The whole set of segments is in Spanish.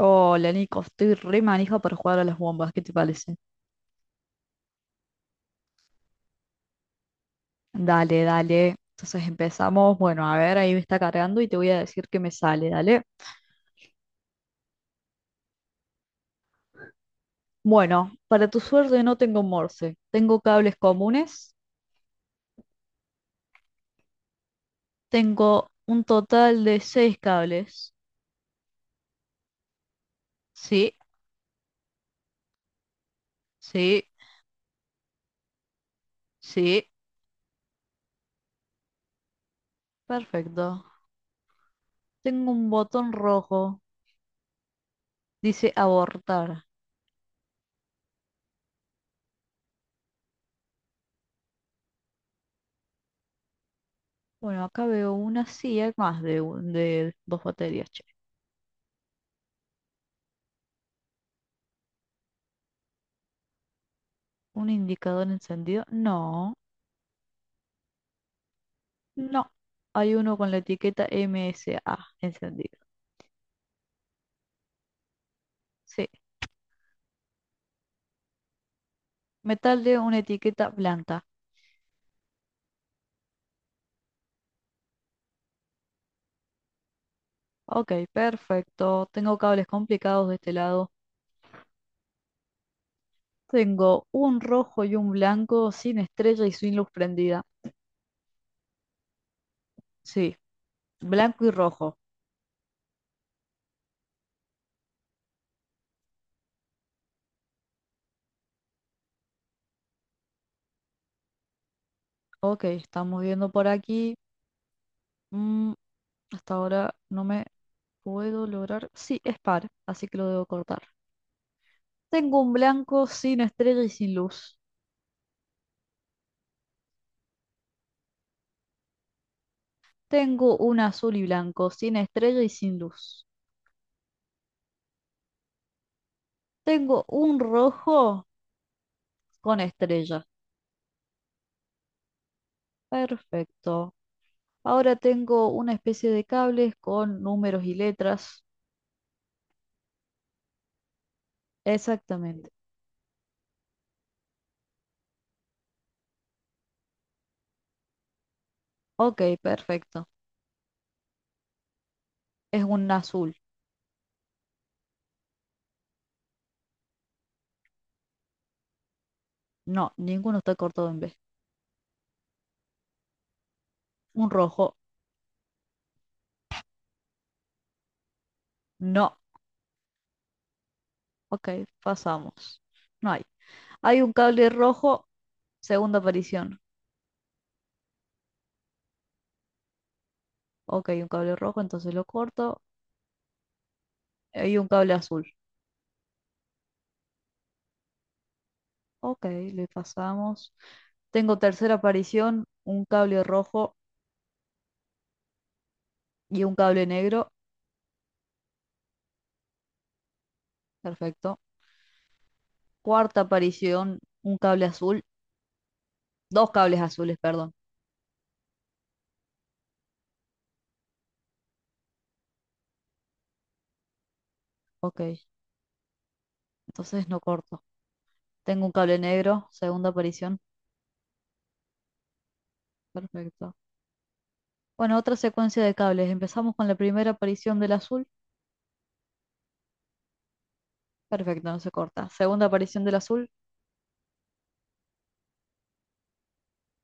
Hola Nico, estoy re manija para jugar a las bombas, ¿qué te parece? Dale, dale. Entonces empezamos. Bueno, a ver, ahí me está cargando y te voy a decir que me sale, dale. Bueno, para tu suerte no tengo Morse, tengo cables comunes, tengo un total de seis cables. Sí, sí, sí, perfecto. Tengo un botón rojo, dice abortar. Bueno, acá veo una, sí, hay más de, de dos baterías, che. ¿Un indicador encendido? No. No, hay uno con la etiqueta MSA encendido. Sí, metal de una etiqueta blanca. Ok, perfecto. Tengo cables complicados de este lado. Tengo un rojo y un blanco sin estrella y sin luz prendida. Sí, blanco y rojo. Ok, estamos viendo por aquí. Mm, hasta ahora no me puedo lograr. Sí, es par, así que lo debo cortar. Tengo un blanco sin estrella y sin luz. Tengo un azul y blanco sin estrella y sin luz. Tengo un rojo con estrellas. Perfecto. Ahora tengo una especie de cables con números y letras. Exactamente. Ok, perfecto. Es un azul. No, ninguno está cortado en B. Un rojo. No. Ok, pasamos. No hay. Hay un cable rojo, segunda aparición. Ok, un cable rojo, entonces lo corto. Hay un cable azul. Ok, le pasamos. Tengo tercera aparición, un cable rojo y un cable negro. Perfecto. Cuarta aparición, un cable azul. Dos cables azules, perdón. Ok, entonces no corto. Tengo un cable negro, segunda aparición. Perfecto. Bueno, otra secuencia de cables. Empezamos con la primera aparición del azul. Perfecto, no se corta. Segunda aparición del azul.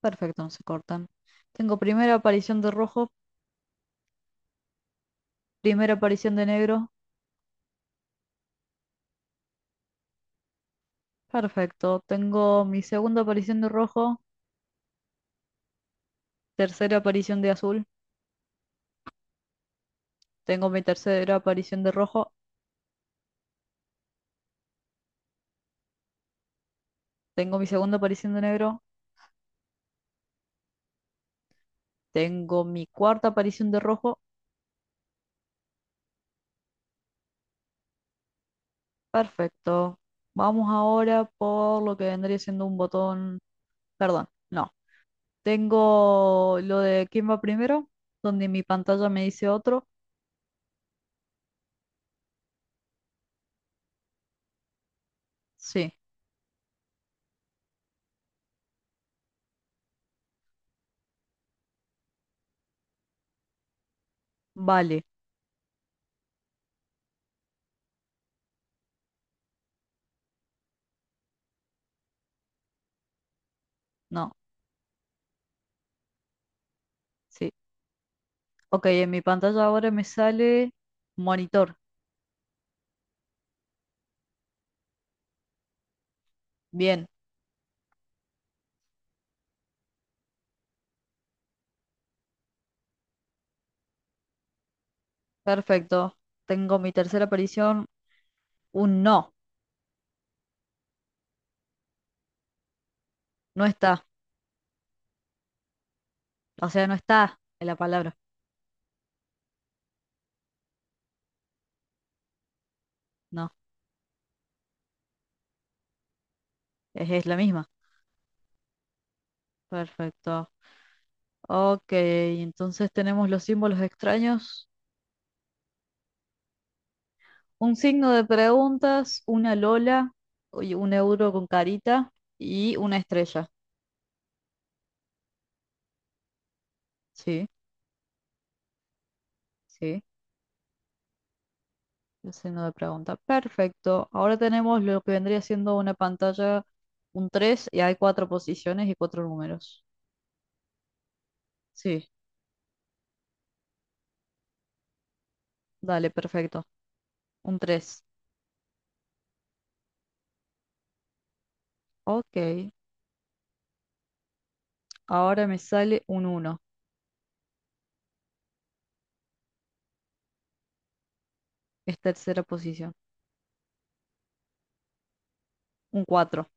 Perfecto, no se cortan. Tengo primera aparición de rojo, primera aparición de negro. Perfecto. Tengo mi segunda aparición de rojo, tercera aparición de azul. Tengo mi tercera aparición de rojo. Tengo mi segunda aparición de negro. Tengo mi cuarta aparición de rojo. Perfecto. Vamos ahora por lo que vendría siendo un botón. Perdón, no. Tengo lo de quién va primero, donde mi pantalla me dice otro. Sí, vale, no, sí. Ok, en mi pantalla ahora me sale monitor. Bien, perfecto. Tengo mi tercera aparición, un no. No está, o sea, no está en la palabra. No, es la misma. Perfecto. Ok, entonces tenemos los símbolos extraños. Un signo de preguntas, una lola, oye, un euro con carita y una estrella. Sí, sí, el signo de pregunta. Perfecto. Ahora tenemos lo que vendría siendo una pantalla, un 3 y hay cuatro posiciones y cuatro números. Sí, dale, perfecto. Un 3. Ok, ahora me sale un uno. Es tercera posición. Un cuatro.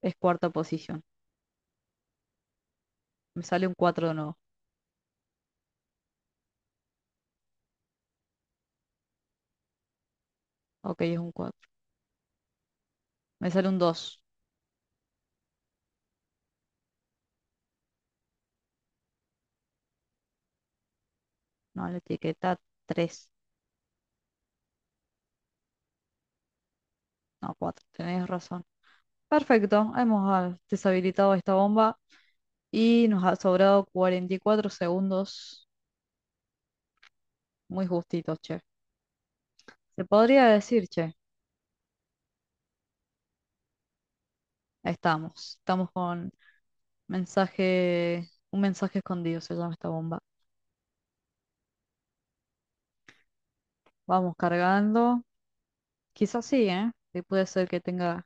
Es cuarta posición. Me sale un 4 de nuevo. Ok, es un 4. Me sale un dos. No, la etiqueta tres. No, cuatro. Tenés razón. Perfecto. Hemos deshabilitado esta bomba y nos ha sobrado 44 segundos. Muy justitos, che. Se podría decir, che. Estamos. Estamos con mensaje. Un mensaje escondido se llama esta bomba. Vamos cargando. Quizás sí, ¿eh? Sí, puede ser que tenga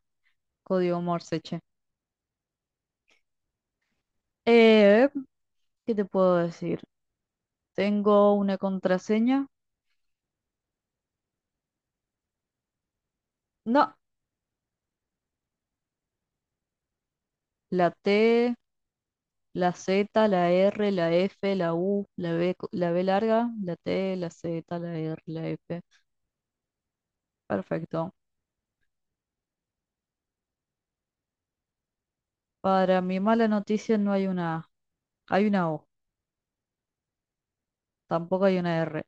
código Morse, che. Eh, ¿Qué te puedo decir? Tengo una contraseña. No, la T, la Z, la R, la F, la U, la B, la B larga, la T, la Z, la R, la F. Perfecto. Para mi mala noticia no hay una A, hay una O, tampoco hay una R.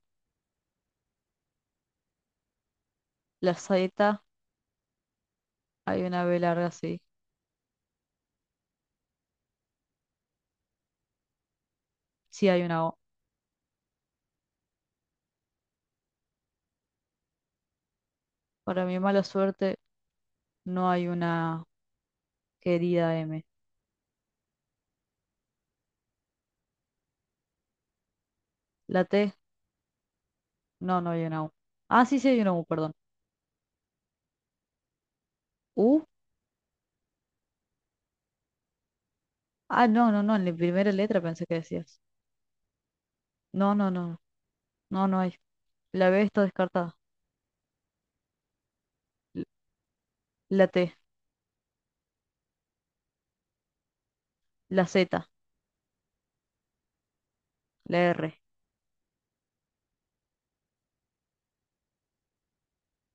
La Z, hay una B larga, sí, sí hay una O. Para mi mala suerte no hay una querida M. La T, no, no hay una U. Ah, sí, sí hay una U, perdón. U, no, no, no, en la primera letra pensé que decías. No, no, no, no, no hay. La B está descartada. L- La T. La Z, la R.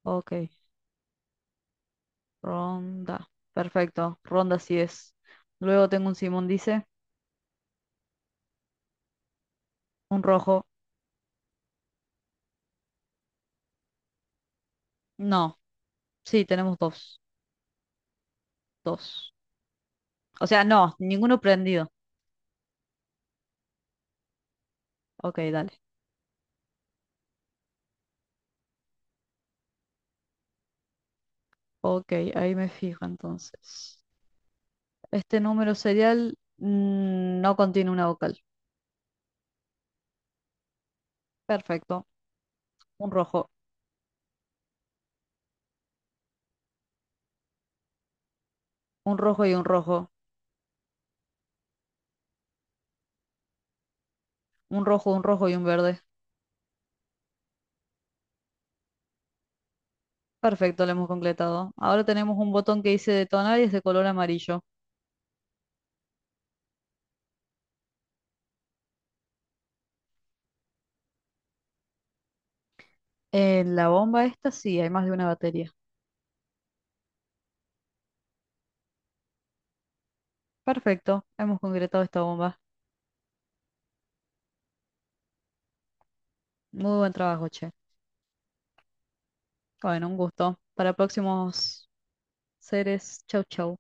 Ok, ronda. Perfecto, ronda sí es. Luego tengo un Simón, dice. Un rojo. No, sí, tenemos dos. Dos. O sea, no, ninguno prendido. Ok, dale. Ok, ahí me fijo entonces. Este número serial no contiene una vocal. Perfecto. Un rojo, un rojo y un rojo. Un rojo, un rojo y un verde. Perfecto, lo hemos completado. Ahora tenemos un botón que dice detonar y es de color amarillo. En la bomba esta sí, hay más de una batería. Perfecto, hemos concretado esta bomba. Muy buen trabajo, che. Bueno, un gusto. Para próximos seres, chau chau.